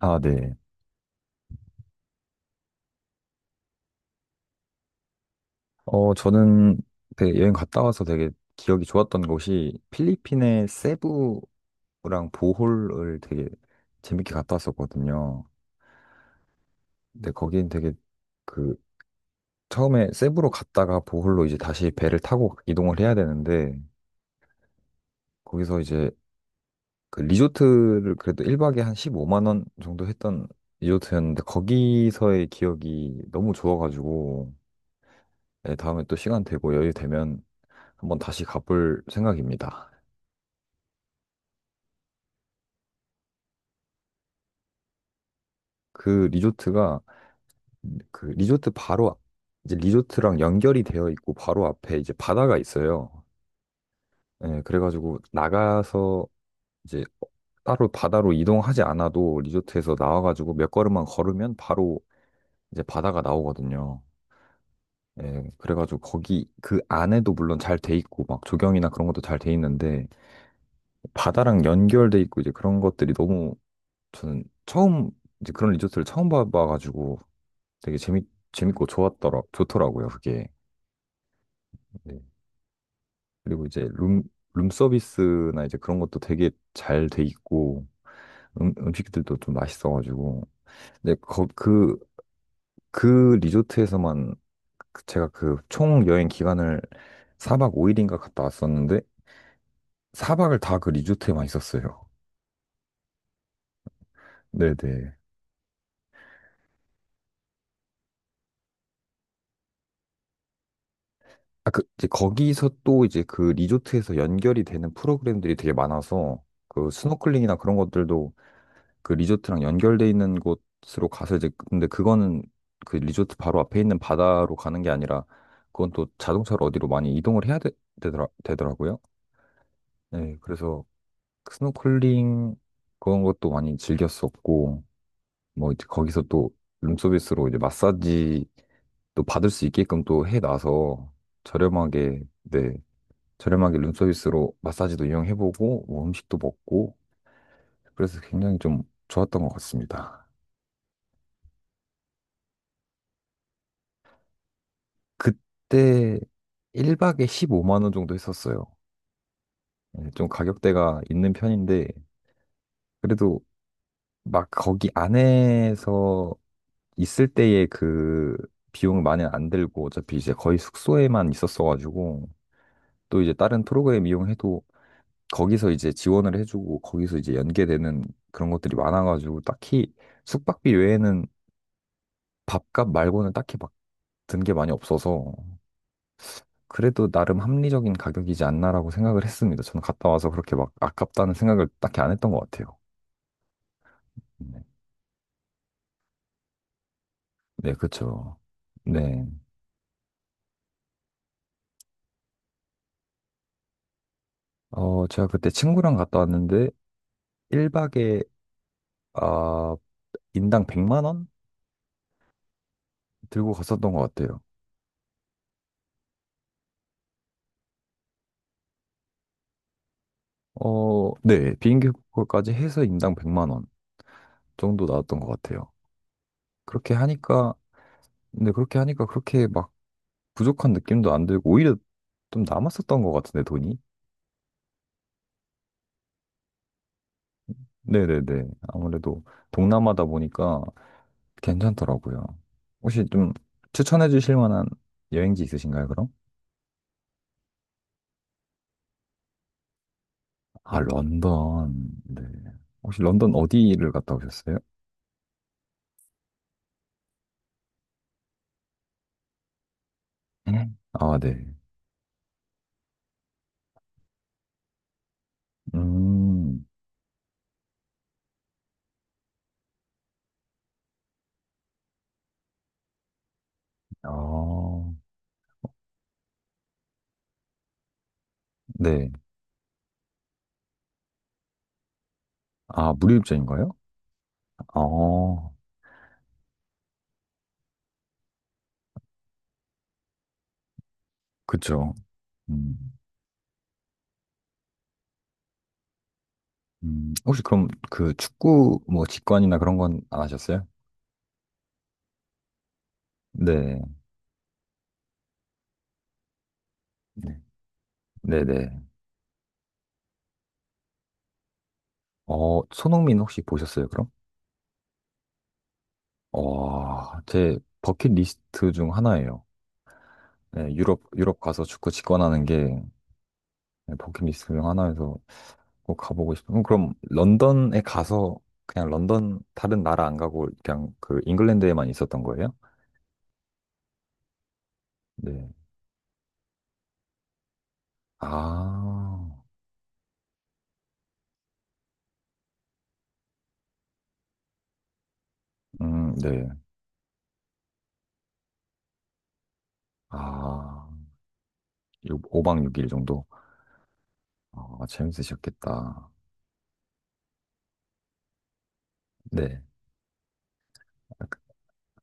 아, 네. 저는 되게 여행 갔다 와서 되게 기억이 좋았던 곳이 필리핀의 세부랑 보홀을 되게 재밌게 갔다 왔었거든요. 근데 거긴 되게 그 처음에 세부로 갔다가 보홀로 이제 다시 배를 타고 이동을 해야 되는데, 거기서 이제 그 리조트를 그래도 1박에 한 15만 원 정도 했던 리조트였는데, 거기서의 기억이 너무 좋아가지고 네, 다음에 또 시간 되고 여유 되면 한번 다시 가볼 생각입니다. 그 리조트가 그 리조트 바로 이제 리조트랑 연결이 되어 있고 바로 앞에 이제 바다가 있어요. 예, 그래가지고 나가서 이제 따로 바다로 이동하지 않아도 리조트에서 나와가지고 몇 걸음만 걸으면 바로 이제 바다가 나오거든요. 예, 그래가지고 거기 그 안에도 물론 잘 돼 있고 막 조경이나 그런 것도 잘 돼 있는데 바다랑 연결돼 있고 이제 그런 것들이 너무 저는 처음 이제 그런 리조트를 처음 봐봐가지고 되게 재밌고 좋더라고요, 그게. 네. 그리고 이제 룸 서비스나 이제 그런 것도 되게 잘 돼 있고, 음식들도 좀 맛있어가지고. 근데 그 리조트에서만 제가 그 총 여행 기간을 4박 5일인가 갔다 왔었는데, 4박을 다 그 리조트에만 있었어요. 네네. 아, 그, 이제 거기서 또 이제 그 리조트에서 연결이 되는 프로그램들이 되게 많아서, 그 스노클링이나 그런 것들도 그 리조트랑 연결돼 있는 곳으로 가서 이제 근데 그거는 그 리조트 바로 앞에 있는 바다로 가는 게 아니라 그건 또 자동차로 어디로 많이 이동을 해야 되더라고요. 네, 그래서 스노클링 그런 것도 많이 즐겼었고 뭐 이제 거기서 또 룸서비스로 이제 마사지 또 받을 수 있게끔 또 해놔서 저렴하게 네 저렴하게 룸서비스로 마사지도 이용해보고 뭐 음식도 먹고 그래서 굉장히 좀 좋았던 것 같습니다. 그때 1박에 15만 원 정도 했었어요. 예, 좀 가격대가 있는 편인데 그래도 막 거기 안에서 있을 때의 그 비용 많이 안 들고 어차피 이제 거의 숙소에만 있었어가지고 또 이제 다른 프로그램 이용해도 거기서 이제 지원을 해주고 거기서 이제 연계되는 그런 것들이 많아가지고 딱히 숙박비 외에는 밥값 말고는 딱히 막 든 게 많이 없어서 그래도 나름 합리적인 가격이지 않나라고 생각을 했습니다. 저는 갔다 와서 그렇게 막 아깝다는 생각을 딱히 안 했던 것 같아요. 네, 네, 그쵸. 네. 제가 그때 친구랑 갔다 왔는데 1박에 아, 인당 100만 원 들고 갔었던 것 같아요. 어, 네. 비행기 표까지 해서 인당 100만 원 정도 나왔던 것 같아요. 그렇게 하니까 근데 그렇게 하니까 그렇게 막 부족한 느낌도 안 들고 오히려 좀 남았었던 것 같은데 돈이. 네네네. 아무래도 동남아다 보니까 괜찮더라고요. 혹시 좀 추천해 주실 만한 여행지 있으신가요, 그럼? 아, 런던. 네. 혹시 런던 어디를 갔다 오셨어요? 네. 아, 네. 음, 아, 네. 아, 무료입장인가요? 아, 그쵸. 음, 혹시 그럼 그 축구 뭐 직관이나 그런 건 안 하셨어요? 네. 네. 네네. 어, 손흥민 혹시 보셨어요, 그럼? 와, 제 버킷리스트 중 하나예요. 네, 유럽, 유럽 가서 축구 직관하는 게 네, 버킷리스트 중 하나여서 꼭 가보고 싶어요. 그럼 런던에 가서 그냥 런던 다른 나라 안 가고 그냥 그 잉글랜드에만 있었던 거예요? 네. 아, 네. 아, 5박 6일 정도? 아, 재밌으셨겠다. 네.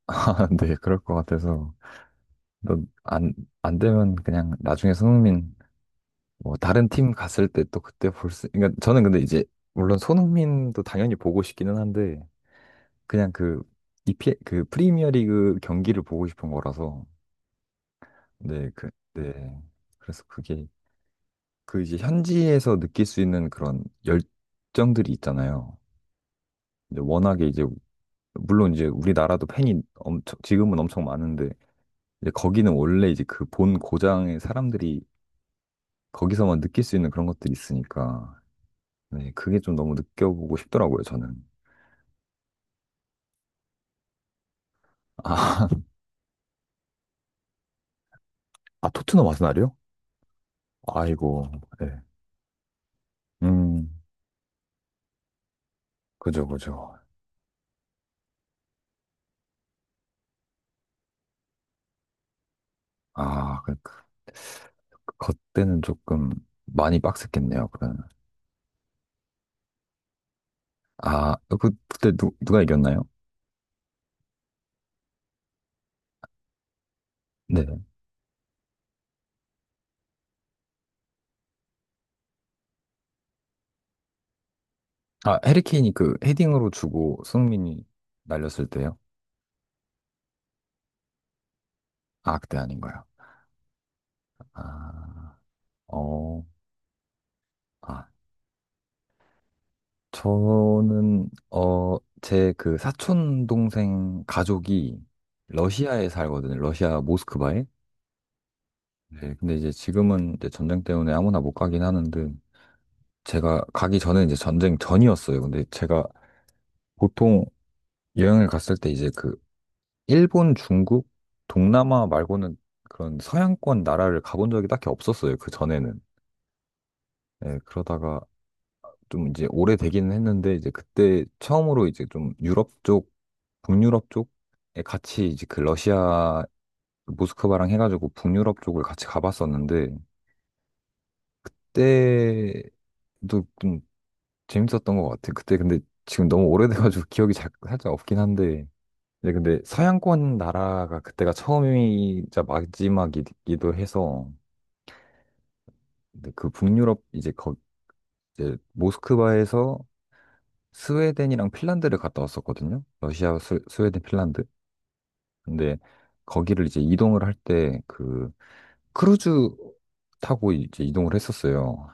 아, 네, 그럴 것 같아서. 너 안, 안 되면 그냥 나중에 손흥민 뭐 다른 팀 갔을 때 또 그때 볼 수, 그러니까 저는 근데 이제 물론 손흥민도 당연히 보고 싶기는 한데 그냥 그 이피 그 프리미어리그 경기를 보고 싶은 거라서 네, 그, 네. 그래서 그게 그 이제 현지에서 느낄 수 있는 그런 열정들이 있잖아요. 이제 워낙에 이제 물론 이제 우리나라도 팬이 엄청 지금은 엄청 많은데 이제 거기는 원래 이제 그 본 고장의 사람들이 거기서만 느낄 수 있는 그런 것들이 있으니까 네, 그게 좀 너무 느껴보고 싶더라고요, 저는. 아, 아, 토트넘 아스날이요? 아이고, 네. 음, 그죠, 그죠. 아, 그, 그, 그때는 조금 많이 빡셌겠네요, 그러면. 아, 그, 그때 누가 이겼나요? 네. 아, 해리케인이 그 헤딩으로 주고 손흥민이 날렸을 때요? 아, 그때 아닌가요? 아, 어, 아, 저는, 어, 제 그 사촌 동생 가족이 러시아에 살거든요. 러시아 모스크바에. 네, 근데 이제 지금은 이제 전쟁 때문에 아무나 못 가긴 하는데, 제가 가기 전에 이제 전쟁 전이었어요. 근데 제가 보통 여행을 갔을 때 이제 그 일본, 중국, 동남아 말고는 그런 서양권 나라를 가본 적이 딱히 없었어요. 그 전에는. 네, 그러다가 좀 이제 오래되기는 했는데, 이제 그때 처음으로 이제 좀 유럽 쪽, 북유럽 쪽에 같이 이제 그 러시아, 모스크바랑 해가지고 북유럽 쪽을 같이 가봤었는데, 그때 또 재밌었던 것 같아. 그때 근데 지금 너무 오래돼가지고 기억이 살짝 없긴 한데. 이제 근데 서양권 나라가 그때가 처음이자 마지막이기도 해서 근데 그 북유럽 이제 거 이제 모스크바에서 스웨덴이랑 핀란드를 갔다 왔었거든요. 러시아, 스웨덴, 핀란드. 근데 거기를 이제 이동을 할 때 그 크루즈 타고 이제 이동을 했었어요.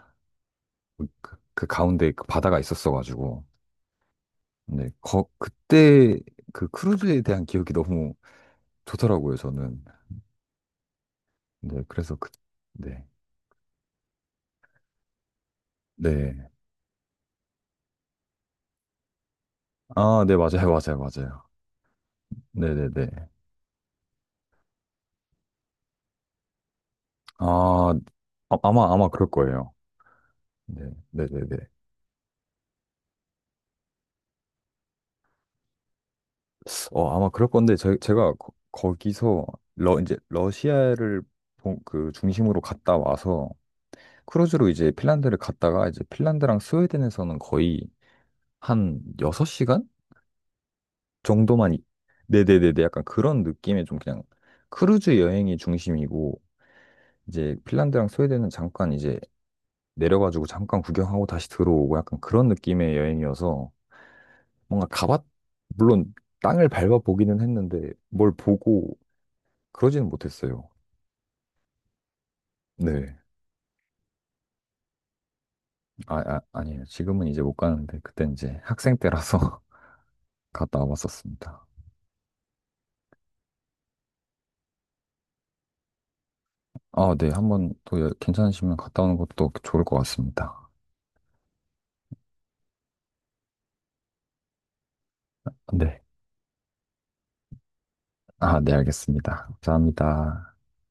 그, 그 그 가운데 그 바다가 있었어가지고. 근데 거, 그때 그 크루즈에 대한 기억이 너무 좋더라고요, 저는. 네, 그래서 그, 네. 네. 아, 네, 맞아요, 맞아요, 맞아요. 네네네. 아, 아마 그럴 거예요. 네, 네네네. 어, 아마 그럴 건데, 제가 거, 기서 러, 이제, 러시아를 그 중심으로 갔다 와서, 크루즈로 이제 핀란드를 갔다가, 이제 핀란드랑 스웨덴에서는 거의 한 6시간 정도만. 네네네네. 약간 그런 느낌의 좀 그냥 크루즈 여행이 중심이고, 이제 핀란드랑 스웨덴은 잠깐 이제 내려가지고 잠깐 구경하고 다시 들어오고 약간 그런 느낌의 여행이어서 뭔가 물론 땅을 밟아보기는 했는데 뭘 보고 그러지는 못했어요. 네. 아니에요. 지금은 이제 못 가는데 그때 이제 학생 때라서 갔다 와봤었습니다. 아, 네. 한 번 또 괜찮으시면 갔다 오는 것도 좋을 것 같습니다. 네. 아, 네. 알겠습니다. 감사합니다.